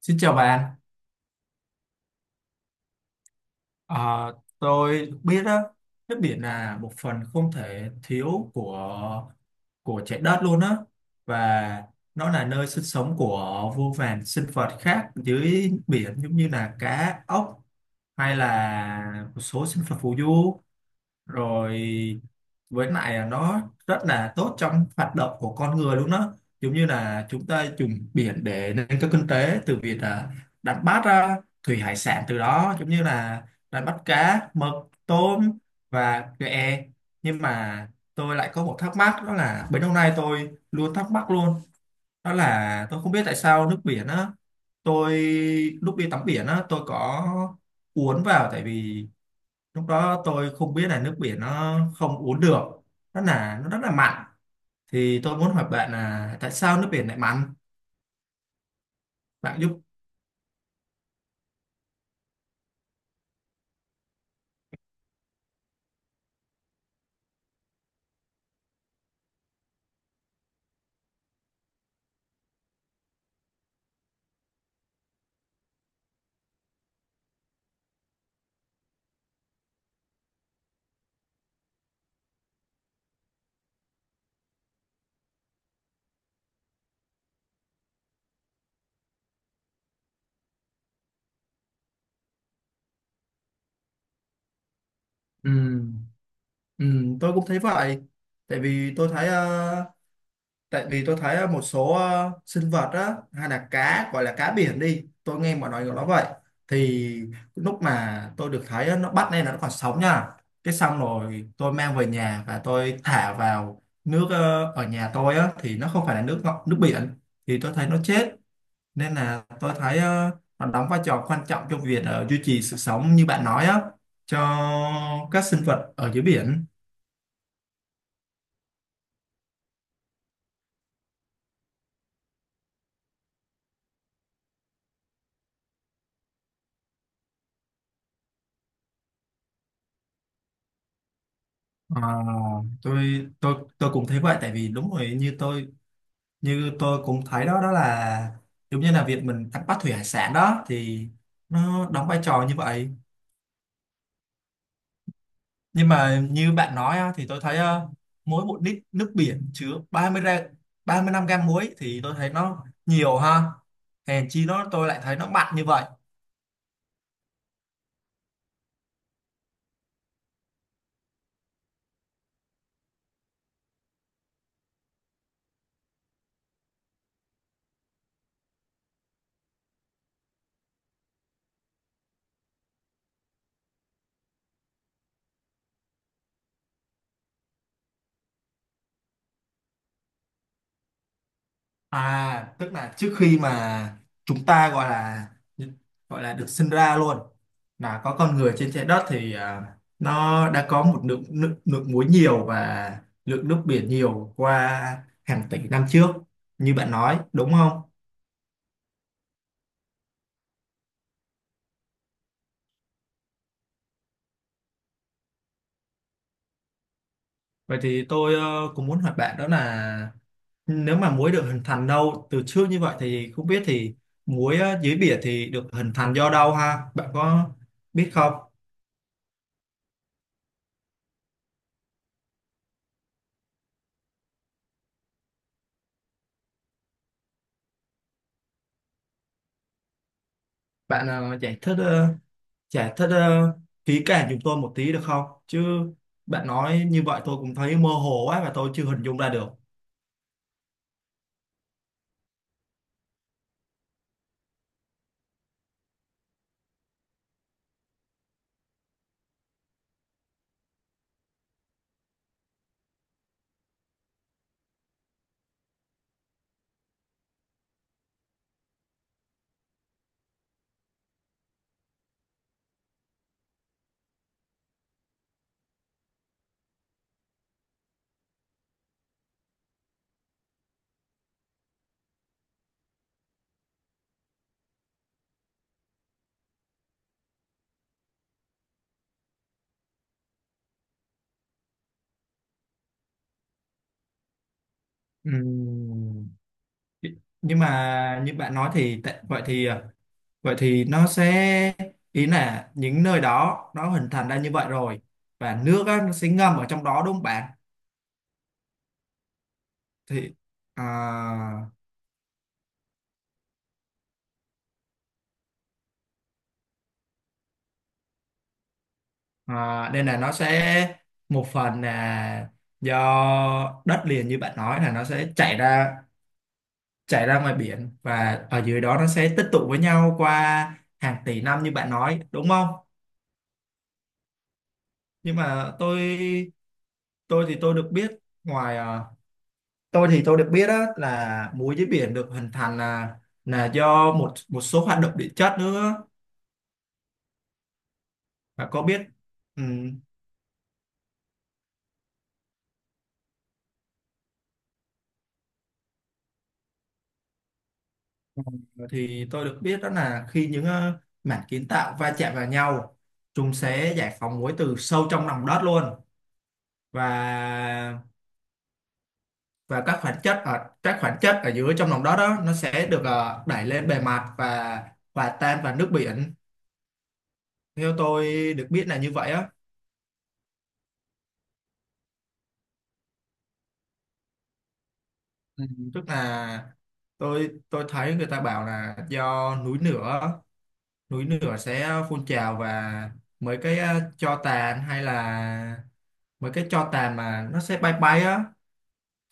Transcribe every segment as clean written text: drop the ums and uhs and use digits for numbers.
Xin chào bạn. Ờ, tôi biết đó, nước biển là một phần không thể thiếu của trái đất luôn á, và nó là nơi sinh sống của vô vàn sinh vật khác dưới biển, giống như là cá, ốc hay là một số sinh vật phù du. Rồi với lại là nó rất là tốt trong hoạt động của con người luôn đó, giống như là chúng ta dùng biển để nâng cao kinh tế từ việc là đánh bắt à, thủy hải sản, từ đó giống như là đánh bắt cá, mực, tôm và ghẹ. Nhưng mà tôi lại có một thắc mắc, đó là bấy lâu nay tôi luôn thắc mắc luôn, đó là tôi không biết tại sao nước biển á, tôi lúc đi tắm biển á tôi có uốn vào, tại vì lúc đó tôi không biết là nước biển nó không uống được, nó là nó rất là mặn. Thì tôi muốn hỏi bạn là tại sao nước biển lại mặn, bạn giúp. Ừ, ừ, tôi cũng thấy vậy. Tại vì tôi thấy tại vì tôi thấy một số sinh vật á, hay là cá gọi là cá biển đi, tôi nghe mọi người gọi nó vậy. Thì lúc mà tôi được thấy á, nó bắt lên là nó còn sống nha, cái xong rồi tôi mang về nhà và tôi thả vào nước ở nhà tôi á, thì nó không phải là nước ngọt, nước biển, thì tôi thấy nó chết. Nên là tôi thấy nó đóng vai trò quan trọng trong việc duy trì sự sống như bạn nói á, cho các sinh vật ở dưới biển. Ờ, tôi cũng thấy vậy, tại vì đúng rồi, như tôi cũng thấy đó, đó là giống như là việc mình đánh bắt thủy hải sản đó, thì nó đóng vai trò như vậy. Nhưng mà như bạn nói á, thì tôi thấy mỗi một lít nước biển chứa 30 ra 35 gram muối, thì tôi thấy nó nhiều ha, hèn chi nó tôi lại thấy nó mặn như vậy. À, tức là trước khi mà chúng ta gọi là được sinh ra luôn, là có con người trên trái đất, thì à, nó đã có một lượng, lượng muối nhiều và lượng nước biển nhiều qua hàng tỷ năm trước như bạn nói, đúng không? Vậy thì tôi cũng muốn hỏi bạn đó là nếu mà muối được hình thành đâu từ trước như vậy, thì không biết thì muối dưới biển thì được hình thành do đâu ha? Bạn có biết không? Bạn giải thích giải thích ờ, kỹ càng giùm tôi một tí được không? Chứ bạn nói như vậy tôi cũng thấy mơ hồ quá và tôi chưa hình dung ra được. Ừm, Nhưng mà như bạn nói thì vậy thì vậy thì nó sẽ, ý là những nơi đó nó hình thành ra như vậy rồi, và nước á, nó sẽ ngâm ở trong đó đúng không bạn? Thì à, à, nên là nó sẽ một phần là do đất liền, như bạn nói là nó sẽ chảy ra, chảy ra ngoài biển, và ở dưới đó nó sẽ tích tụ với nhau qua hàng tỷ năm như bạn nói đúng không. Nhưng mà tôi thì tôi được biết ngoài tôi thì tôi được biết á, là muối dưới biển được hình thành là do một một số hoạt động địa chất nữa, và có biết. ừm, ờ, thì tôi được biết đó là khi những mảng kiến tạo va chạm vào nhau, chúng sẽ giải phóng muối từ sâu trong lòng đất luôn. Và các khoáng chất ở dưới trong lòng đất đó, nó sẽ được đẩy lên bề mặt và hòa tan vào nước biển, theo tôi được biết là như vậy á. Ừ, tức là tôi thấy người ta bảo là do núi lửa, núi lửa sẽ phun trào, và mấy cái tro tàn hay là mấy cái tro tàn mà nó sẽ bay bay á,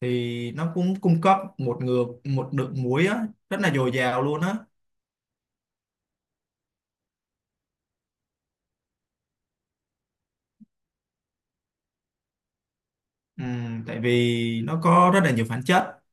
thì nó cũng cung cấp một ngược một lượng muối á, rất là dồi dào luôn á. Tại vì nó có rất là nhiều khoáng chất.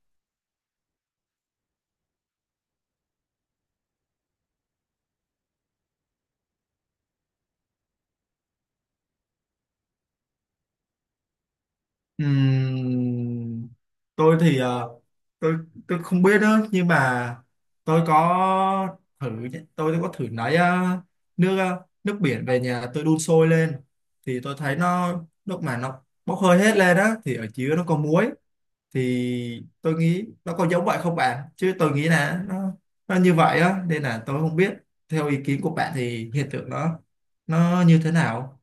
Ừm, tôi thì tôi tôi không biết đó, nhưng mà tôi có thử, tôi có thử lấy nước nước biển về nhà tôi đun sôi lên, thì tôi thấy nó lúc mà nó bốc hơi hết lên đó thì ở dưới nó có muối. Thì tôi nghĩ nó có giống vậy không bạn, chứ tôi nghĩ là nó như vậy á, nên là tôi không biết, theo ý kiến của bạn thì hiện tượng nó như thế nào.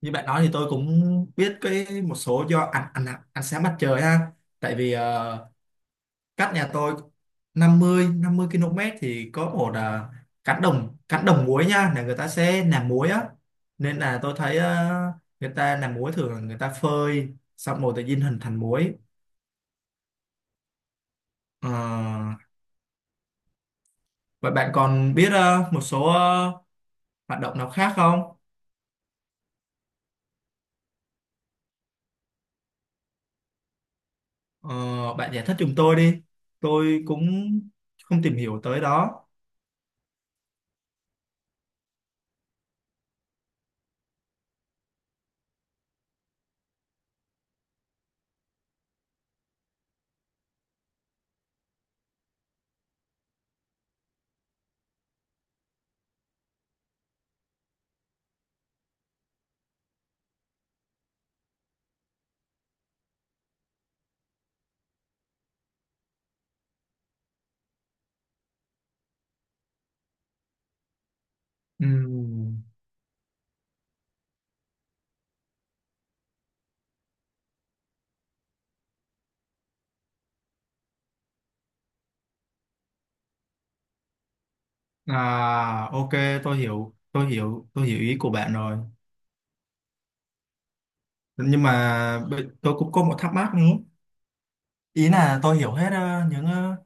Như bạn nói thì tôi cũng biết cái một số do ăn ăn ăn sáng mặt trời ha, tại vì cách nhà tôi 50 50 km thì có một cánh đồng, cánh đồng muối nha, là người ta sẽ làm muối á. Nên là tôi thấy người ta làm muối thường là người ta phơi, xong rồi tự nhiên hình thành muối. Ờ, vậy bạn còn biết một số hoạt động nào khác không? Ờ, bạn giải thích giùm tôi đi, tôi cũng không tìm hiểu tới đó. Ừm. À, ok, tôi hiểu, tôi hiểu, tôi hiểu ý của bạn rồi. Nhưng mà tôi cũng có một thắc mắc nữa. Ý là tôi hiểu hết những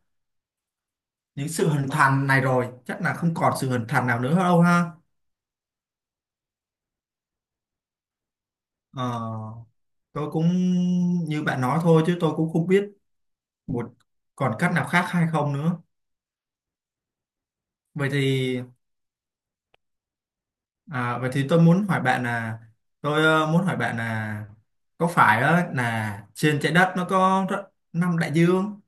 những sự hình thành này rồi, chắc là không còn sự hình thành nào nữa đâu ha. Ờ, tôi cũng như bạn nói thôi, chứ tôi cũng không biết một còn cách nào khác hay không nữa. Vậy thì à, vậy thì tôi muốn hỏi bạn là muốn hỏi bạn là có phải là trên trái đất nó có năm đại dương: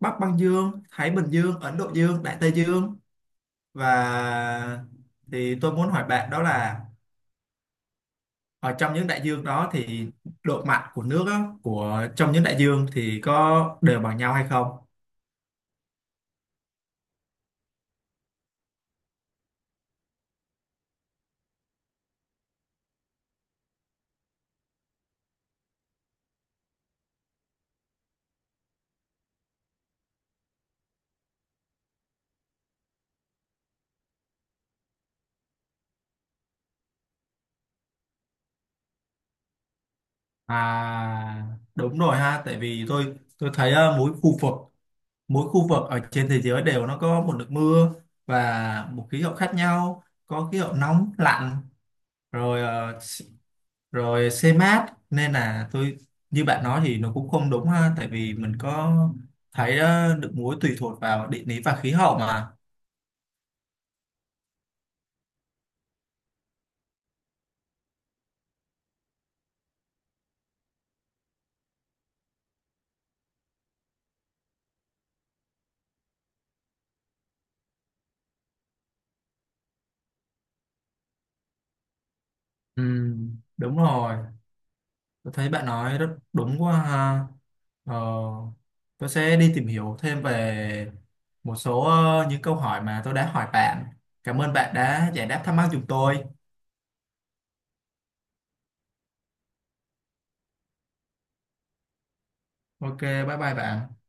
Bắc Băng Dương, Thái Bình Dương, Ấn Độ Dương, Đại Tây Dương và, thì tôi muốn hỏi bạn đó là ở trong những đại dương đó thì độ mặn của nước á, của trong những đại dương, thì có đều bằng nhau hay không? À, đúng rồi ha, tại vì tôi thấy mỗi khu vực, mỗi khu vực ở trên thế giới đều nó có một lượng mưa và một khí hậu khác nhau, có khí hậu nóng, lạnh, rồi rồi xe mát, nên là tôi như bạn nói thì nó cũng không đúng ha, tại vì mình có thấy được muối tùy thuộc vào địa lý và khí hậu mà. Ừ, đúng rồi, tôi thấy bạn nói rất đúng quá ha. ờ, tôi sẽ đi tìm hiểu thêm về một số những câu hỏi mà tôi đã hỏi bạn. Cảm ơn bạn đã giải đáp thắc mắc giùm tôi. Ok, bye bye bạn.